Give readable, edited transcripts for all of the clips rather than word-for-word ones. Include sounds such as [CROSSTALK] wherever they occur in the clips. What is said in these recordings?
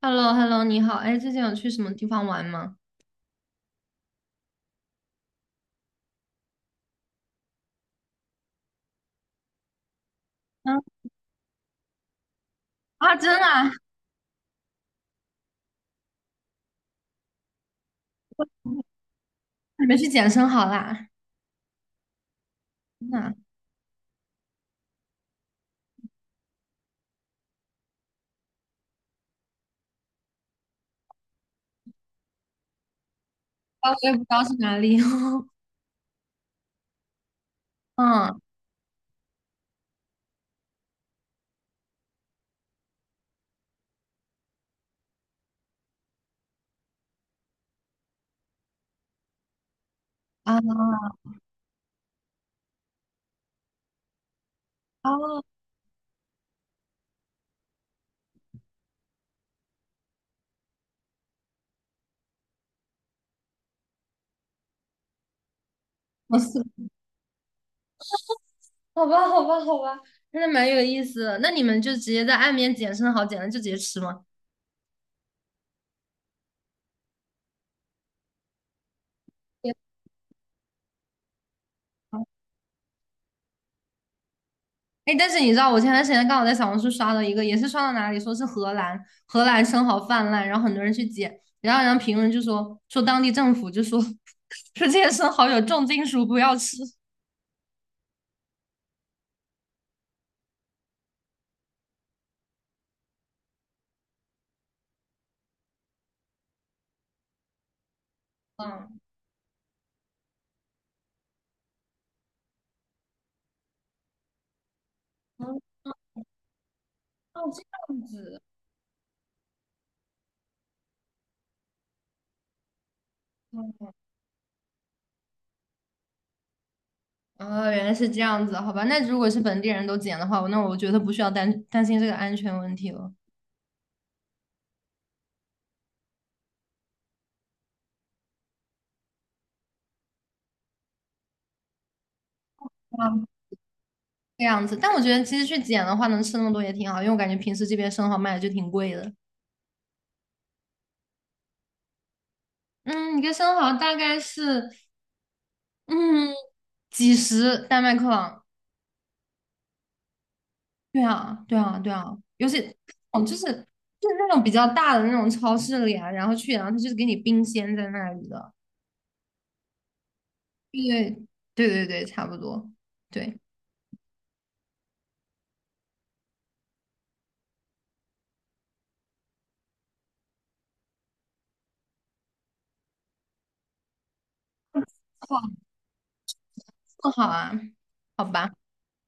h e l l o h e l l o 你好，哎，最近有去什么地方玩吗？嗯。啊，真的啊？你们去捡生蚝啦？真的啊，啊我也不知道是哪里。[LAUGHS] 嗯。啊。啊，我是好吧，好吧，好吧，真的蛮有意思的。那你们就直接在岸边捡生蚝，捡了就直接吃吗？对啊。哎，但是你知道，我前段时间刚好在小红书刷到一个，也是刷到哪里说是荷兰，荷兰生蚝泛滥，然后很多人去捡，然后评论就说当地政府就说 [LAUGHS] 说这些生蚝有重金属，不要吃。嗯。嗯。哦，哦这样子。嗯。哦，原来是这样子，好吧。那如果是本地人都捡的话，那我觉得不需要担心这个安全问题了。啊，这样子，但我觉得其实去捡的话，能吃那么多也挺好，因为我感觉平时这边生蚝卖的就挺贵的。嗯，一个生蚝大概是嗯几十丹麦克朗。对啊，对啊，对啊，尤其。哦，就是那种比较大的那种超市里啊，然后去，然后他就是给你冰鲜在那里的。对。对对对，差不多。对。不好啊，好吧，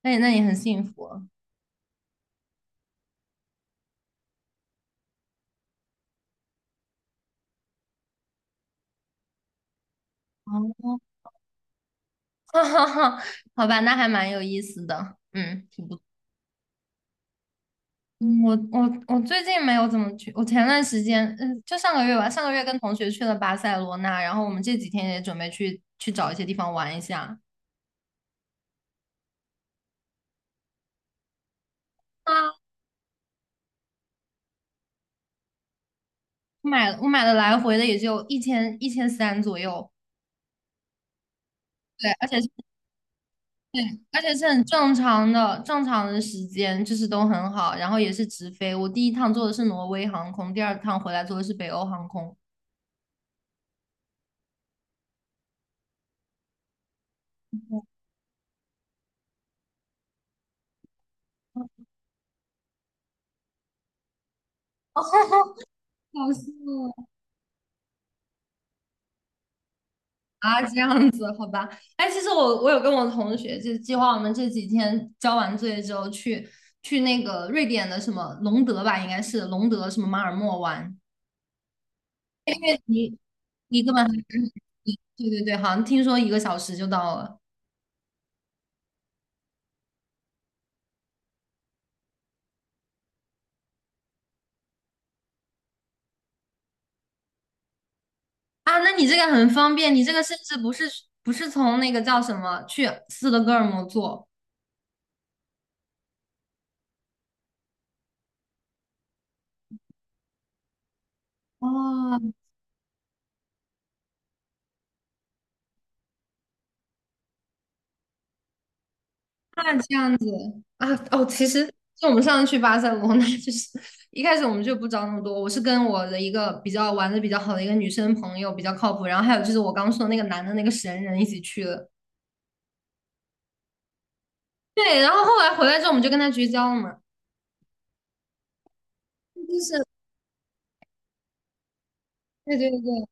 那你那你很幸福哦。[LAUGHS] 哈哈哈，好吧，那还蛮有意思的，嗯，挺不错。我最近没有怎么去，我前段时间，嗯，就上个月吧，上个月跟同学去了巴塞罗那，然后我们这几天也准备去找一些地方玩一下。啊，我买了来回的也就一千一千三左右。对，而且是很正常的，正常的时间就是都很好，然后也是直飞。我第一趟坐的是挪威航空，第二趟回来坐的是北欧航空。[LAUGHS] 哦，好羡慕。啊，这样子，好吧。哎，其实我有跟我同学就计划，我们这几天交完作业之后去去那个瑞典的什么隆德吧，应该是隆德什么马尔默玩。对你你根本。对对对，好像听说一个小时就到了。啊，那你这个很方便，你这个甚至不是不是从那个叫什么去斯德哥尔摩做。哦，那这样子。啊哦，其实就我们上次去巴塞罗那，就是 [LAUGHS] 一开始我们就不找那么多，我是跟我的一个比较玩的比较好的一个女生朋友比较靠谱，然后还有就是我刚说的那个男的那个神人一起去了。对，然后后来回来之后我们就跟他绝交了嘛，就是。对对对，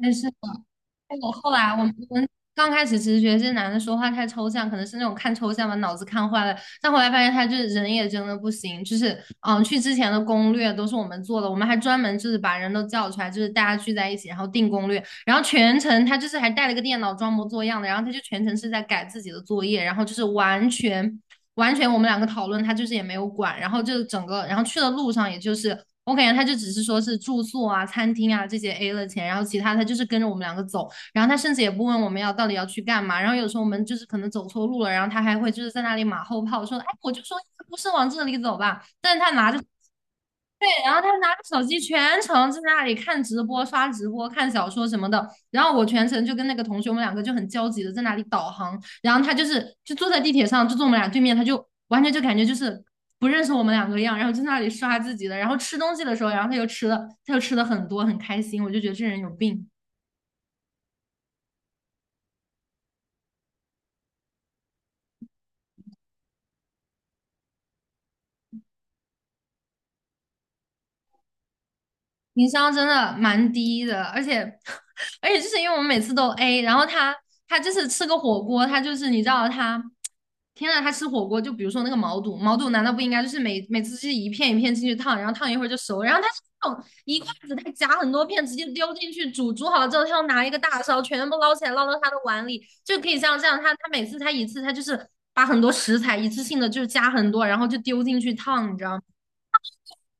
但是。哎我后来我们刚开始其实觉得这男的说话太抽象，可能是那种看抽象把脑子看坏了。但后来发现他就是人也真的不行，就是嗯，去之前的攻略都是我们做的，我们还专门就是把人都叫出来，就是大家聚在一起，然后定攻略，然后全程他就是还带了个电脑装模作样的，然后他就全程是在改自己的作业，然后就是完全我们两个讨论，他就是也没有管，然后就整个然后去的路上也就是。我感觉他就只是说是住宿啊、餐厅啊这些 A 了钱，然后其他他就是跟着我们两个走，然后他甚至也不问我们要到底要去干嘛。然后有时候我们就是可能走错路了，然后他还会就是在那里马后炮说："哎，我就说不是往这里走吧。"但是他拿着。对，然后他拿着手机全程在那里看直播、刷直播、看小说什么的。然后我全程就跟那个同学，我们两个就很焦急的在那里导航。然后他就是就坐在地铁上，就坐我们俩对面，他就完全就感觉就是。不认识我们两个一样，然后在那里刷自己的，然后吃东西的时候，然后他又吃了，他又吃了很多，很开心，我就觉得这人有病。情商真的蛮低的，而且 [LAUGHS] 而且就是因为我们每次都 A,然后他他就是吃个火锅，他就是你知道他，天呐，他吃火锅就比如说那个毛肚，毛肚难道不应该就是每每次就是一片一片进去烫，然后烫一会儿就熟，然后他是那种一筷子他夹很多片直接丢进去煮，煮好了之后他要拿一个大勺全部捞起来捞到他的碗里，就可以像这样，他每次他一次他就是把很多食材一次性的就是加很多，然后就丢进去烫，你知道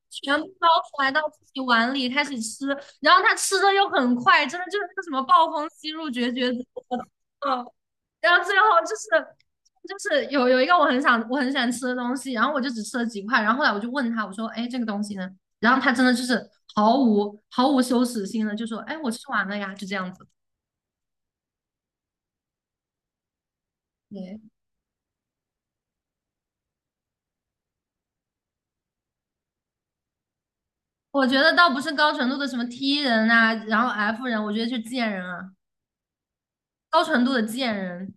全部捞出来到自己碗里开始吃，然后他吃的又很快，真的就是那个什么暴风吸入绝绝子。嗯，然后最后就是就是有一个我很想我很喜欢吃的东西，然后我就只吃了几块，然后后来我就问他，我说，哎，这个东西呢？然后他真的就是毫无羞耻心的就说，哎，我吃完了呀，就这样子。对，我觉得倒不是高纯度的什么 T 人啊，然后 F 人，我觉得是贱人啊，高纯度的贱人。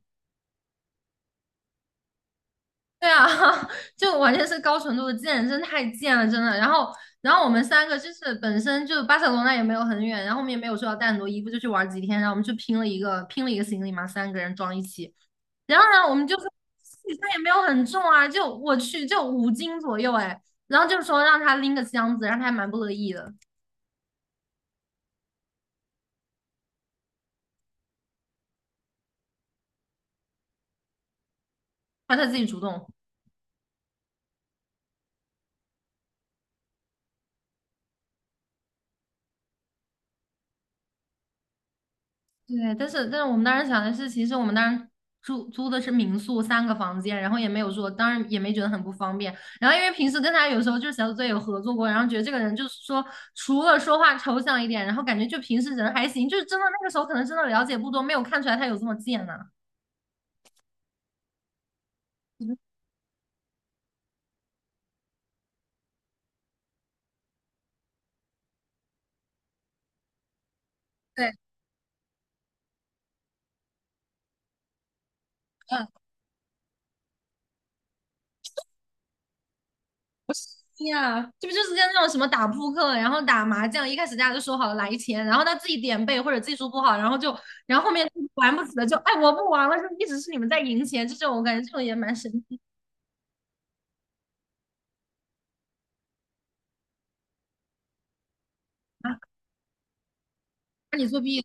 [LAUGHS] 对啊。[LAUGHS] 就完全是高纯度的贱，真太贱了，真的。然后，然后我们三个就是本身就巴塞罗那也没有很远，然后我们也没有说要带很多衣服，就去玩几天，然后我们就拼了一个行李嘛，三个人装一起。然后呢，我们就说行李也没有很重啊，就我去就五斤左右哎，然后就说让他拎个箱子，然后他还蛮不乐意的，让他自己主动。对，但是我们当时想的是，其实我们当时住租的是民宿三个房间，然后也没有说，当然也没觉得很不方便。然后因为平时跟他有时候就是小组作业有合作过，然后觉得这个人就是说，除了说话抽象一点，然后感觉就平时人还行，就是真的那个时候可能真的了解不多，没有看出来他有这么贱呢、对。嗯，呀，这不就是像那种什么打扑克，然后打麻将，一开始大家就说好了来钱，然后他自己点背或者技术不好，然后就，然后后面玩不起了就，哎，我不玩了，就一直是你们在赢钱，这种我感觉这种也蛮神。奇。啊，那你作弊，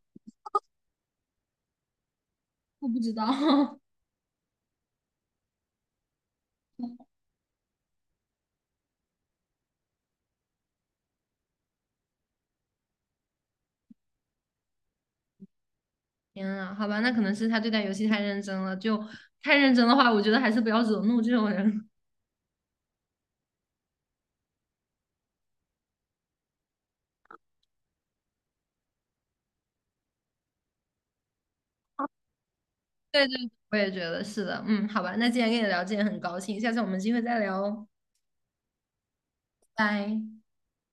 我不知道。[LAUGHS] 天啊，好吧，那可能是他对待游戏太认真了，就太认真的话，我觉得还是不要惹怒这种人。[LAUGHS] 对对，我也觉得是的。嗯，好吧，那既然跟你聊这也很高兴，下次我们有机会再聊哦，拜。